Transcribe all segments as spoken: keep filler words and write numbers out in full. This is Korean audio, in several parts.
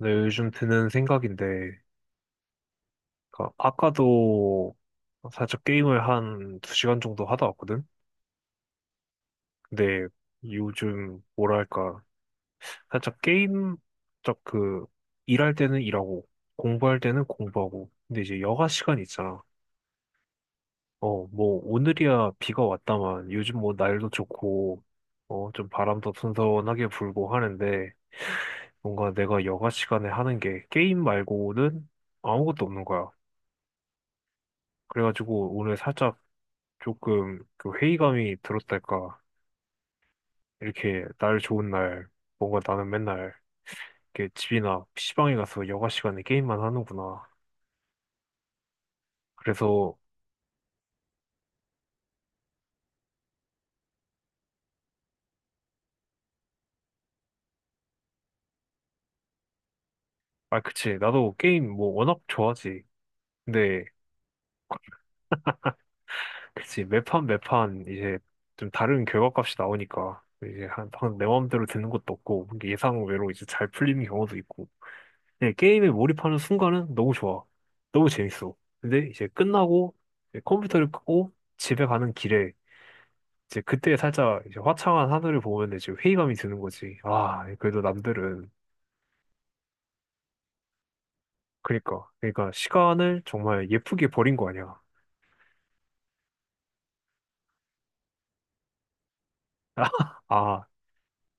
네, 요즘 드는 생각인데, 그러니까 아까도 살짝 게임을 한 두 시간 정도 하다 왔거든? 근데 요즘 뭐랄까, 살짝 게임, 딱 그, 일할 때는 일하고, 공부할 때는 공부하고, 근데 이제 여가 시간 있잖아. 어, 뭐, 오늘이야 비가 왔다만, 요즘 뭐 날도 좋고, 어, 좀 바람도 선선하게 불고 하는데, 뭔가 내가 여가 시간에 하는 게 게임 말고는 아무것도 없는 거야. 그래가지고 오늘 살짝 조금 그 회의감이 들었달까. 이렇게 날 좋은 날, 뭔가 나는 맨날 이렇게 집이나 피시방에 가서 여가 시간에 게임만 하는구나. 그래서, 아, 그치. 나도 게임 뭐 워낙 좋아하지. 근데, 그치. 매판 매판 이제 좀 다른 결과값이 나오니까 이제 한, 내 마음대로 되는 것도 없고 예상 외로 이제 잘 풀리는 경우도 있고. 네 게임에 몰입하는 순간은 너무 좋아. 너무 재밌어. 근데 이제 끝나고 이제 컴퓨터를 끄고 집에 가는 길에 이제 그때 살짝 이제 화창한 하늘을 보면 이제 회의감이 드는 거지. 아, 그래도 남들은. 그니까. 그니까 시간을 정말 예쁘게 버린 거 아니야. 아,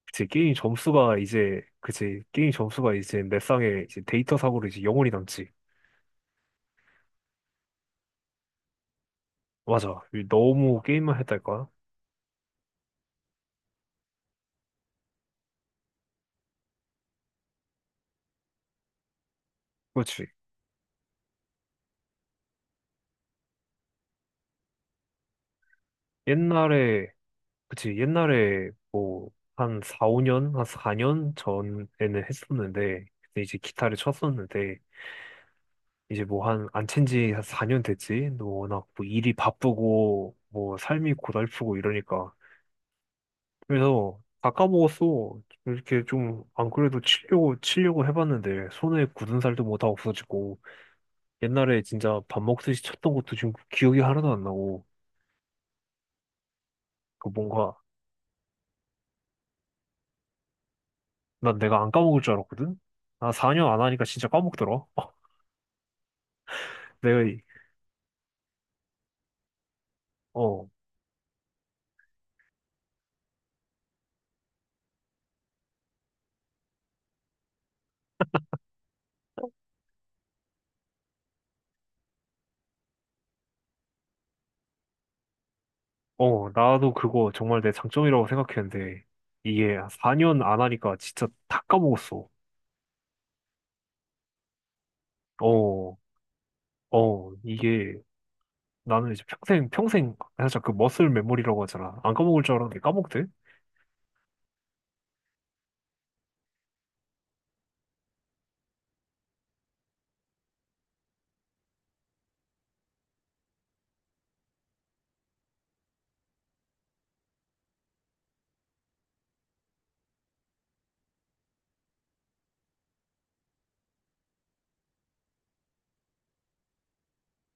그치. 게임 점수가 이제, 그치. 게임 점수가 이제 내 쌍에 이제 데이터 사고로 이제 영원히 남지. 맞아. 너무 게임만 했달까? 그렇지. 옛날에, 그치. 옛날에 뭐, 한 사, 오 년? 한 4년 전에는 했었는데, 그때 이제 기타를 쳤었는데, 이제 뭐 한 안 친지 사 년 됐지. 너 워낙 뭐 일이 바쁘고 뭐 삶이 고달프고 이러니까. 그래서 다 까먹었어. 이렇게 좀 안 그래도 치려고 치려고 해봤는데 손에 굳은 살도 뭐 다 없어지고 옛날에 진짜 밥 먹듯이 쳤던 것도 지금 기억이 하나도 안 나고 그 뭔가 난 내가 안 까먹을 줄 알았거든. 나 사 년 안 하니까 진짜 까먹더라. 내가 이- 어, 어, 나도 그거 정말 내 장점이라고 생각했는데 이게 사 년 안 하니까 진짜 다 까먹었어. 어, 어, 이게 나는 이제 평생, 평생, 살짝 그 머슬 메모리라고 하잖아. 안 까먹을 줄 알았는데 까먹대?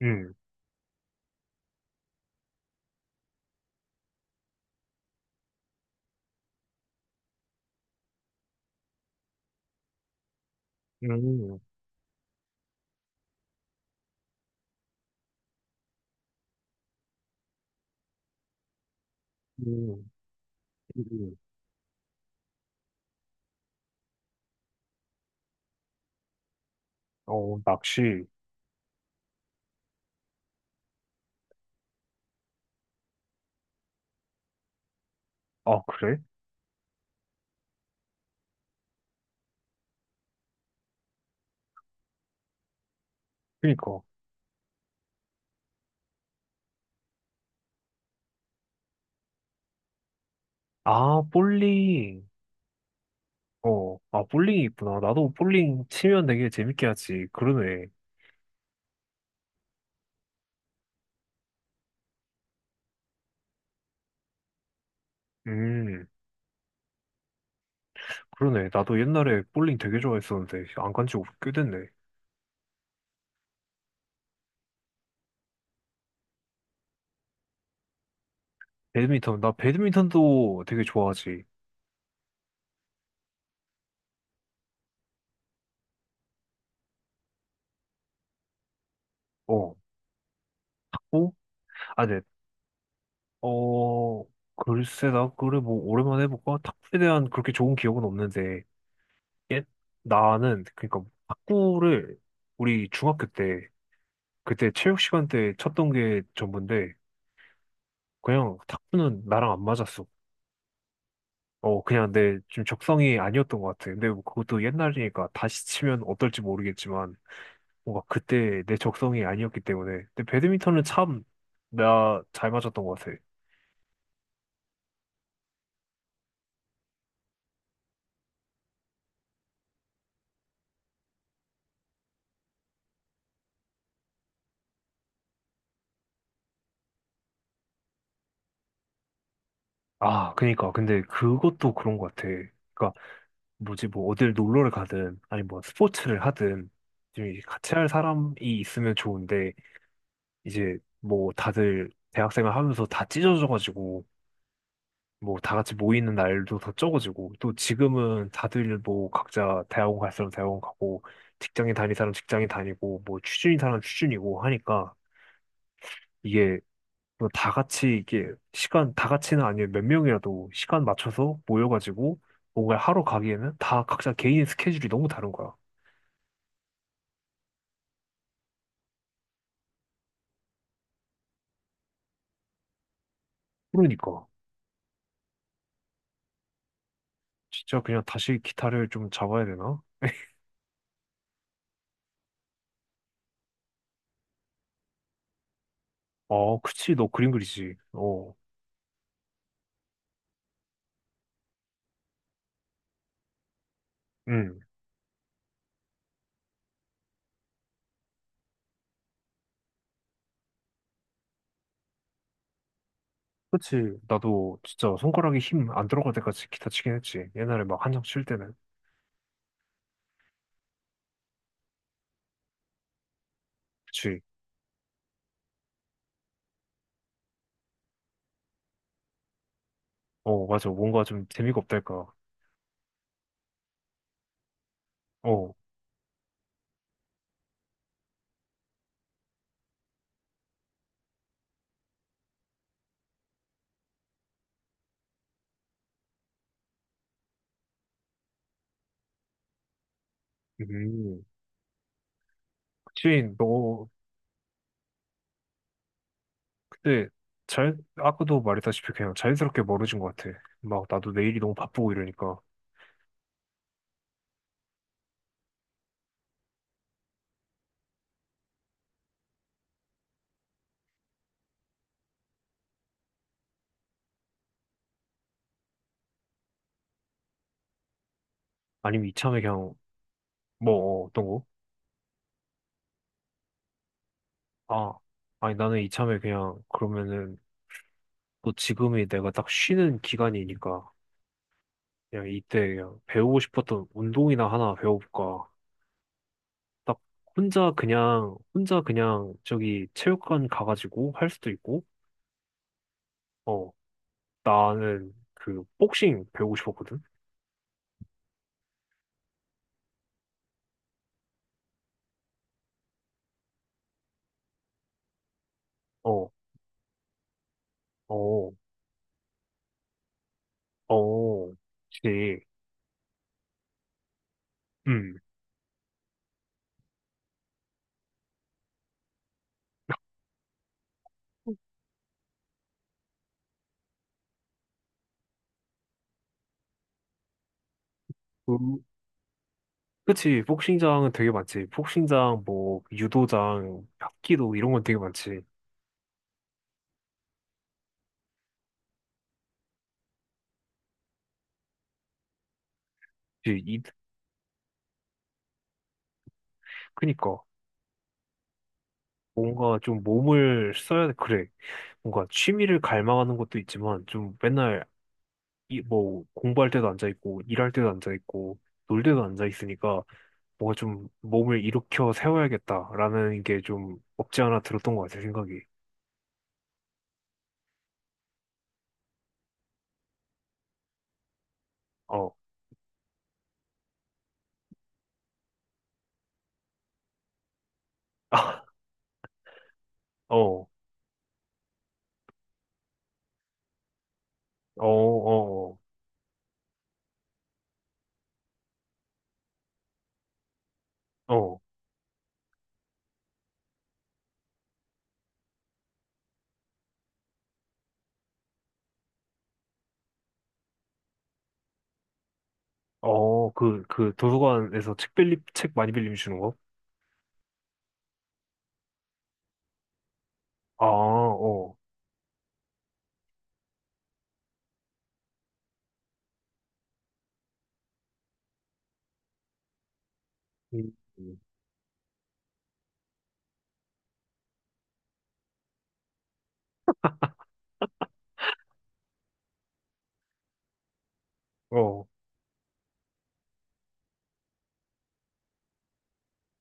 응, 음, 음, 음. 어, 낚시. 아, 그래? 그니까. 아, 볼링. 어, 아, 볼링이 있구나. 나도 볼링 치면 되게 재밌게 하지. 그러네. 음, 그러네. 나도 옛날에 볼링 되게 좋아했었는데, 안 간지 꽤 됐네. 배드민턴, 나 배드민턴도 되게 좋아하지. 어, 어? 아, 네. 어, 글쎄, 나, 그래, 뭐, 오랜만에 해볼까? 탁구에 대한 그렇게 좋은 기억은 없는데, 예? 나는, 그니까, 탁구를, 우리 중학교 때, 그때 체육 시간 때 쳤던 게 전부인데, 그냥 탁구는 나랑 안 맞았어. 어, 그냥 내 좀 적성이 아니었던 것 같아. 근데 뭐 그것도 옛날이니까 다시 치면 어떨지 모르겠지만, 뭔가 그때 내 적성이 아니었기 때문에. 근데 배드민턴은 참, 나 잘 맞았던 것 같아. 아, 그니까. 근데 그것도 그런 것 같아. 그러니까 뭐지, 뭐, 어딜 놀러를 가든, 아니, 뭐, 스포츠를 하든, 좀 이제 같이 할 사람이 있으면 좋은데, 이제, 뭐, 다들 대학생활 하면서 다 찢어져가지고, 뭐, 다 같이 모이는 날도 더 적어지고, 또 지금은 다들 뭐, 각자 대학원 갈 사람 대학원 가고, 직장인 다닐 사람 직장인 다니고, 뭐, 취준인 사람 취준이고 하니까, 이게, 뭐다 같이, 이게, 시간, 다 같이는 아니에요. 몇 명이라도 시간 맞춰서 모여가지고, 뭔가 하러 가기에는 다 각자 개인 스케줄이 너무 다른 거야. 그러니까. 진짜 그냥 다시 기타를 좀 잡아야 되나? 어, 그치, 너 그림 그리지. 어, 응, 그치. 나도 진짜 손가락에 힘 안 들어갈 때까지 기타 치긴 했지. 옛날에 막 한창 칠 때는. 그치. 어, 맞아. 뭔가 좀 재미가 없달까. 어, 음. 그치, 너 그때 잘, 아까도 말했다시피 그냥 자연스럽게 멀어진 것 같아. 막 나도 내일이 너무 바쁘고 이러니까. 아니면 이참에 그냥, 뭐, 어, 어떤 거? 아, 아니 나는 이참에 그냥 그러면은 또 지금이 내가 딱 쉬는 기간이니까 그냥 이때 그냥 배우고 싶었던 운동이나 하나 배워볼까. 딱 혼자 그냥, 혼자 그냥 저기 체육관 가가지고 할 수도 있고, 어, 나는 그 복싱 배우고 싶었거든? 어, 어, 어, 그치. 음. 그, 그치. 복싱장은 되게 많지. 복싱장, 뭐, 유도장, 합기도 이런 건 되게 많지. 그치, 이, 그니까. 뭔가 좀 몸을 써야, 그래. 뭔가 취미를 갈망하는 것도 있지만 좀 맨날 이, 뭐, 공부할 때도 앉아있고, 일할 때도 앉아있고, 놀 때도 앉아있으니까, 뭔가 좀 몸을 일으켜 세워야겠다라는 게 좀 없지 않아 들었던 것 같아, 생각이. 어, 아, 어, 어, 어, 어, 어, 그, 그, 도서관에서 책 빌리, 책 많이 빌리면 주는 거? 아, 어, 음, 음. 어.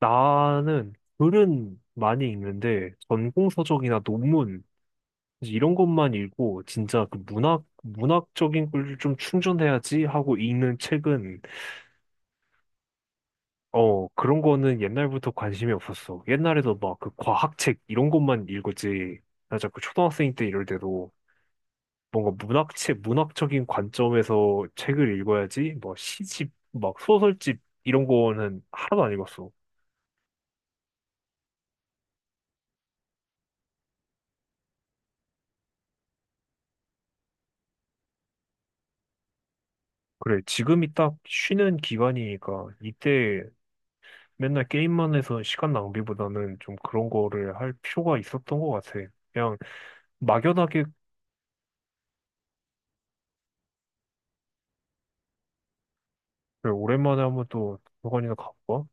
나는 글은 많이 읽는데, 전공서적이나 논문, 이제 이런 것만 읽고 진짜 그 문학 문학적인 걸 좀 충전해야지 하고 읽는 책은 어 그런 거는 옛날부터 관심이 없었어. 옛날에도 막 그 과학책 이런 것만 읽었지. 나 자꾸 초등학생 때 이럴 때도 뭔가 문학책 문학적인 관점에서 책을 읽어야지 뭐 시집 막 소설집 이런 거는 하나도 안 읽었어. 그래 지금이 딱 쉬는 기간이니까 이때 맨날 게임만 해서 시간 낭비보다는 좀 그런 거를 할 필요가 있었던 것 같아. 그냥 막연하게 그래, 오랜만에 한번 또 도서관이나 가볼까?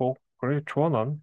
어, 그래, 좋아, 난.